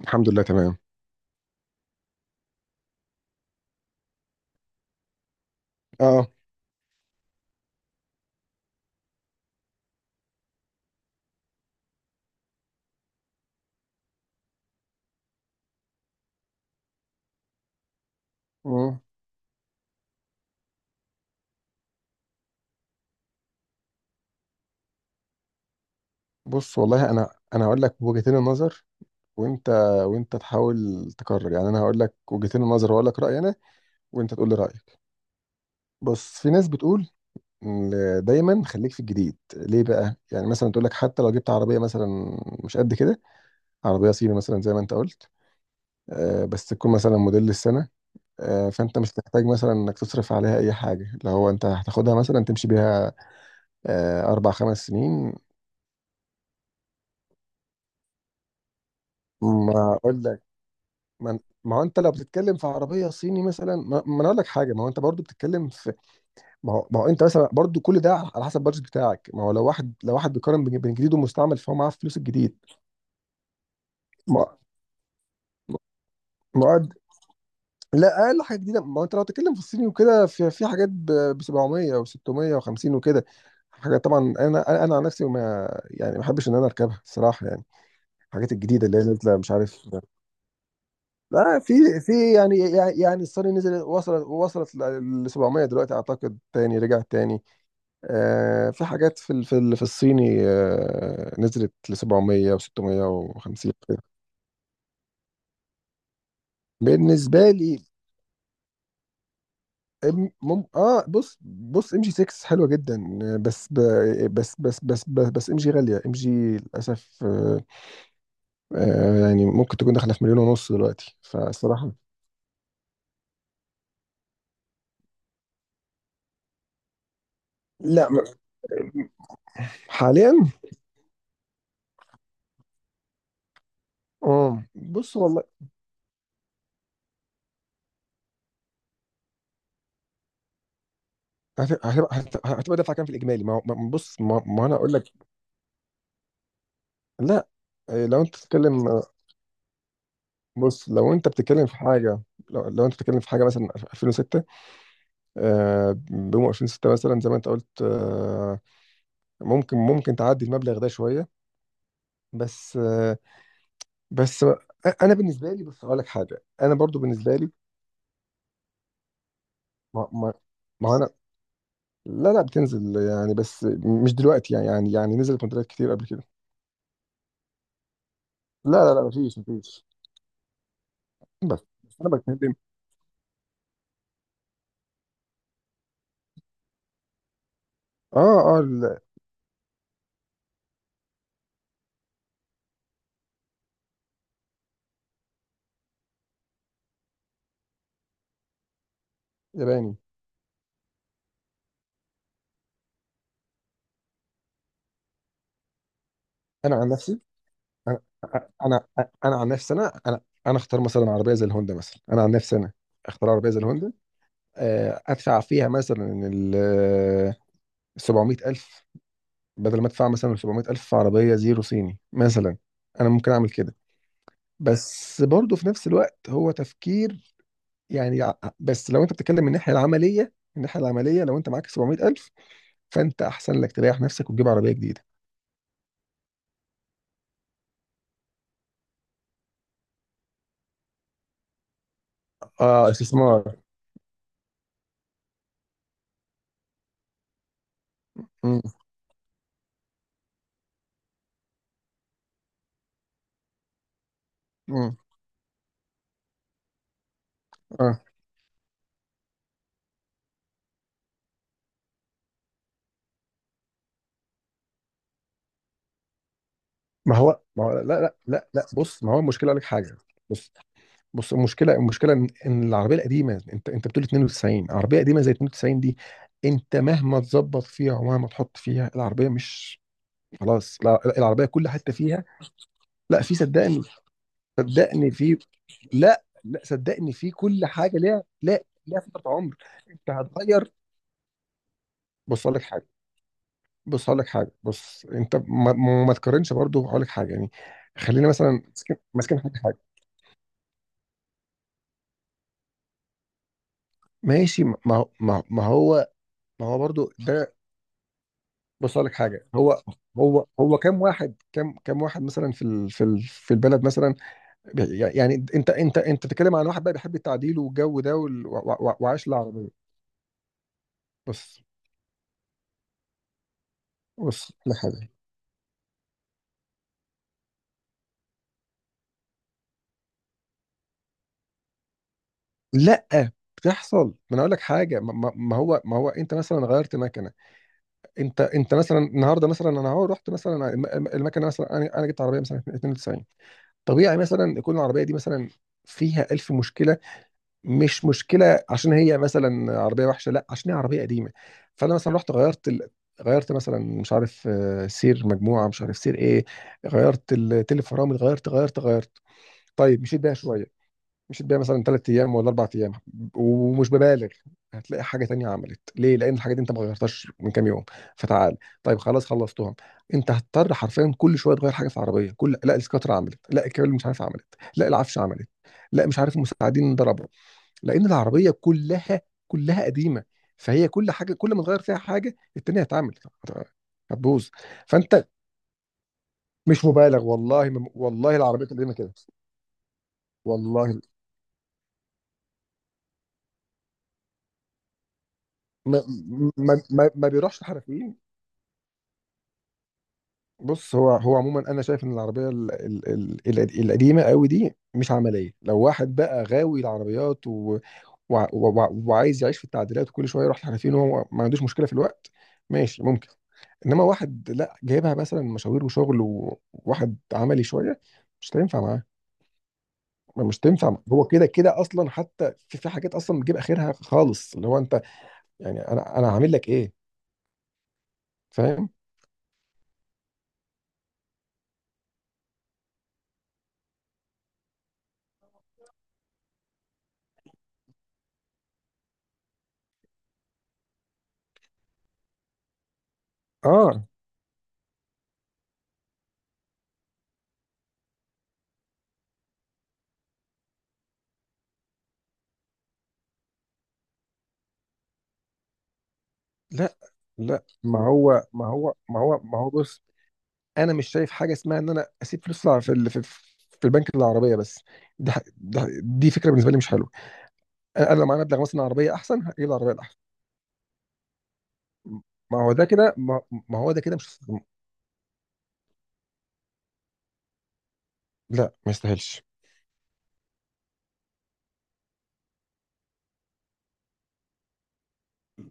الحمد لله تمام. اه مم. بص والله انا هقول لك وجهتين النظر، وانت وانت تحاول تقرر. يعني انا هقول لك وجهتين النظر وهقول لك رايي انا وانت تقول لي رايك. بص، في ناس بتقول إن دايما خليك في الجديد. ليه بقى؟ يعني مثلا تقول لك حتى لو جبت عربيه مثلا، مش قد كده، عربيه صيني مثلا زي ما انت قلت، آه، بس تكون مثلا موديل السنه، آه، فانت مش هتحتاج مثلا انك تصرف عليها اي حاجه لو هو انت هتاخدها مثلا تمشي بيها آه اربع خمس سنين. ما اقول لك، ما هو انت لو بتتكلم في عربيه صيني مثلا، ما انا اقول لك حاجه، ما هو انت برضو بتتكلم في، ما هو انت مثلا برضو كل ده على حسب البادجت بتاعك. ما هو لو واحد، لو واحد بيقارن بين، بين جديد ومستعمل، فهو معاه فلوس الجديد. ما ما هو- لا، اقل حاجه جديده، ما هو انت لو بتتكلم في الصيني وكده، في في حاجات ب 700 و650 وكده حاجات. طبعا انا عن نفسي، ما يعني ما بحبش ان انا اركبها الصراحه، يعني الحاجات الجديده اللي هي نازله مش عارف. لا، في في يعني، يعني الصيني نزل، وصلت ل 700 دلوقتي، اعتقد تاني رجعت تاني. آه، في حاجات في في الصيني، آه، نزلت ل 700 و 650 كده. بالنسبه لي بص، ام جي 6 حلوه جدا آه، بس ب بس بس بس بس, بس ام جي غاليه، ام جي للاسف آه. آه يعني ممكن تكون داخله في مليون ونص دلوقتي فالصراحه. لا م- حاليا. اه بص والله، هتبقى دفعه كام في الاجمالي؟ ما هو- ما- بص، ما انا اقول لك. لا إيه، لو انت بتتكلم، بص لو انت بتتكلم في حاجه، لو انت بتتكلم في حاجه مثلا 2006 آه، بيوم 2006 مثلا زي ما انت قلت آه، ممكن تعدي المبلغ ده شويه. بس آه، بس انا بالنسبه لي، بص اقول لك حاجه، انا برضو بالنسبه لي، ما ما ما هو انا. لا لا، بتنزل يعني، بس مش دلوقتي يعني، يعني نزلت موديلات كتير قبل كده. لا، مفيش مفيش. بس انا بتكلم. اه. ياباني. انا عن نفسي انا انا انا عن نفسي انا انا انا اختار مثلا عربيه زي الهوندا مثلا. انا عن نفسي انا اختار عربيه زي الهوندا، آه، ادفع فيها مثلا ال 700000، بدل ما ادفع مثلا 700000 في عربيه زيرو صيني مثلا. انا ممكن اعمل كده. بس برضه في نفس الوقت هو تفكير، يعني ع- بس لو انت بتتكلم من الناحيه العمليه، من الناحيه العمليه لو انت معاك 700000، فانت احسن لك تريح نفسك وتجيب عربيه جديده. اه استثمار. امم. امم. اه ما هو لا بص، ما هو المشكله، اقول لك حاجه. بص بص المشكله، المشكله ان، إن العربيه القديمه، انت بتقول 92 عربيه قديمه زي 92 دي، انت مهما تظبط فيها ومهما تحط فيها، العربيه مش، خلاص لا، العربيه كل حته فيها. لا في، صدقني. صدقني في. لا صدقني، في كل حاجه ليها، لا ليها فتره عمر. انت هتغير. بص اقول لك حاجه. بص اقول لك حاجه. بص انت ما تقارنش برضه، هقول لك حاجه يعني. خلينا مثلا ماسكين حاجه. ماشي ما هو ما هو برضو ده. بص أقول لك حاجه. هو كام واحد، كام واحد مثلا في ال في البلد مثلا؟ يعني انت بتتكلم عن واحد بقى بيحب التعديل والجو ده وعايش العربيه. بص بص أقول لك حاجه. لا بتحصل، ما انا اقول لك حاجه، ما هو انت مثلا غيرت مكنه. انت مثلا النهارده مثلا، انا اهو رحت مثلا المكنه مثلا، انا جبت عربيه مثلا 92، طبيعي مثلا يكون العربيه دي مثلا فيها 1000 مشكله. مش مشكله عشان هي مثلا عربيه وحشه، لا، عشان هي عربيه قديمه. فانا مثلا رحت غيرت غيرت مثلا مش عارف آه، سير مجموعه، مش عارف سير ايه، غيرت التل، فرامل، غيرت غيرت. طيب مشيت بيها شويه، مشيت بيها مثلا ثلاث ايام ولا اربع ايام، ومش ببالغ، هتلاقي حاجه تانية عملت ليه، لان الحاجه دي انت ما غيرتهاش من كام يوم. فتعال، طيب خلاص خلصتهم. انت هتضطر حرفيا كل شويه تغير حاجه في العربيه، كل لا السكاتر عملت، لا الكابل مش عارف عملت، لا العفش عملت، لا مش عارف المساعدين ضربوا. لان العربيه كلها، كلها قديمه. فهي كل حاجه، كل ما تغير فيها حاجه التانيه هتعمل، هت- هتبوظ. فانت مش مبالغ والله ما- والله، العربيه القديمه كده. والله ما ما بيروحش الحرفيين. بص هو، هو عموما انا شايف ان العربيه ال القديمه قوي دي مش عمليه. لو واحد بقى غاوي العربيات وعايز يعيش في التعديلات، وكل شويه يروح الحرفيين، وهو ما عندوش مشكله في الوقت، ماشي ممكن. انما واحد لا، جايبها مثلا مشاوير وشغل وواحد عملي شويه، مش هتنفع معاه، مش تنفع معاه. هو كده كده اصلا حتى في في حاجات اصلا بتجيب اخرها خالص، اللي هو انت يعني انا عامل لك ايه؟ فاهم. اه لا لا ما هو ما هو ما هو ما هو بص، انا مش شايف حاجه اسمها ان انا اسيب فلوس في في البنك العربيه بس. دي فكره بالنسبه لي مش حلوه. انا لو معايا مبلغ مثلا عربيه، احسن هجيب العربيه الاحسن. ما هو ده كده، ما هو ده كده مش. لا ما يستاهلش.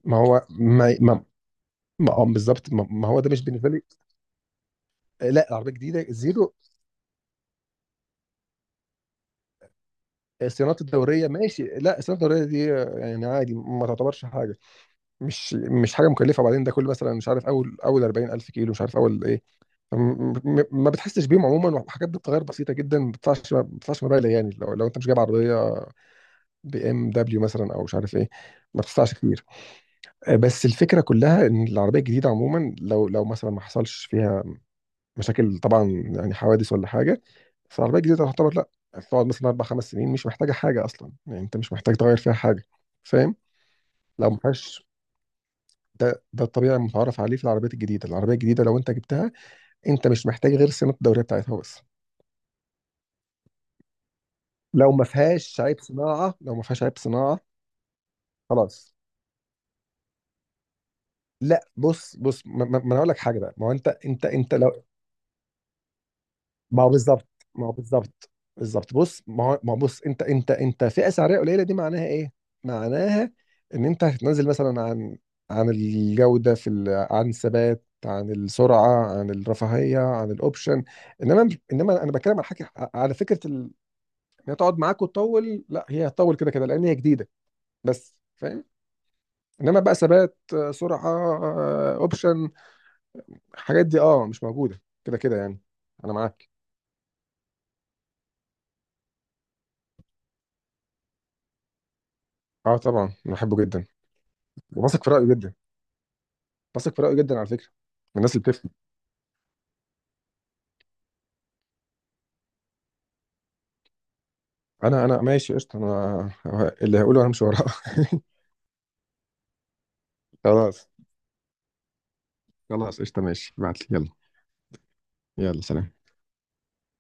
ما هو ما ما ما آه، بالظبط، ما هو ده مش بالنسبه لي. آه لا، العربيه جديده زيرو. آه، صيانات الدوريه ماشي. لا الصيانات الدوريه دي آه، يعني عادي، ما تعتبرش حاجه. مش حاجه مكلفه. وبعدين ده كل مثلا مش عارف، اول 40000 كيلو مش عارف اول ايه، ما بتحسش بيهم عموما، وحاجات بتتغير بسيطه جدا، ما بتدفعش، ما بتدفعش مبالغ. يعني لو انت مش جايب عربيه بي ام دبليو مثلا او مش عارف ايه، ما بتدفعش كتير. آه، بس الفكره كلها ان العربيه الجديده عموما، لو مثلا ما حصلش فيها مشاكل طبعا، يعني حوادث ولا حاجه، بس العربيه الجديده تعتبر لا، هتقعد مثلا اربع خمس سنين مش محتاجه حاجه اصلا. يعني انت مش محتاج تغير فيها حاجه، فاهم؟ لو ما فيهاش، ده ده الطبيعي المتعارف عليه في العربيات الجديده. العربيه الجديده لو انت جبتها، انت مش محتاج غير صيانه الدوريه بتاعتها بس، لو ما فيهاش عيب صناعه، لو ما فيهاش عيب صناعه. خلاص. لا بص ما انا اقول لك حاجه بقى، ما هو انت، انت لو، ما هو بالظبط، ما هو بالظبط. بص، ما هو بص، انت فئه سعريه قليله دي معناها ايه؟ معناها ان انت هتنزل مثلا عن، عن الجوده في عن الثبات، عن السرعه، عن الرفاهيه، عن الاوبشن. انما انا بتكلم على حاجه، على فكره ان هي تقعد معاك وتطول، لا هي هتطول كده كده لان هي جديده بس، فاهم؟ انما بقى ثبات، آه، سرعه، آه، اوبشن، الحاجات دي اه مش موجوده كده كده يعني. انا معاك. اه طبعا أنا بحبه جدا. وبثق في رايه جدا. بثق في رأيه جدا على فكرة، من الناس اللي بتفهم. انا ماشي قشطة. انا اللي هقوله، انا مش وراه. خلاص. خلاص قشطة ماشي، ابعت لي يلا. يلا سلام.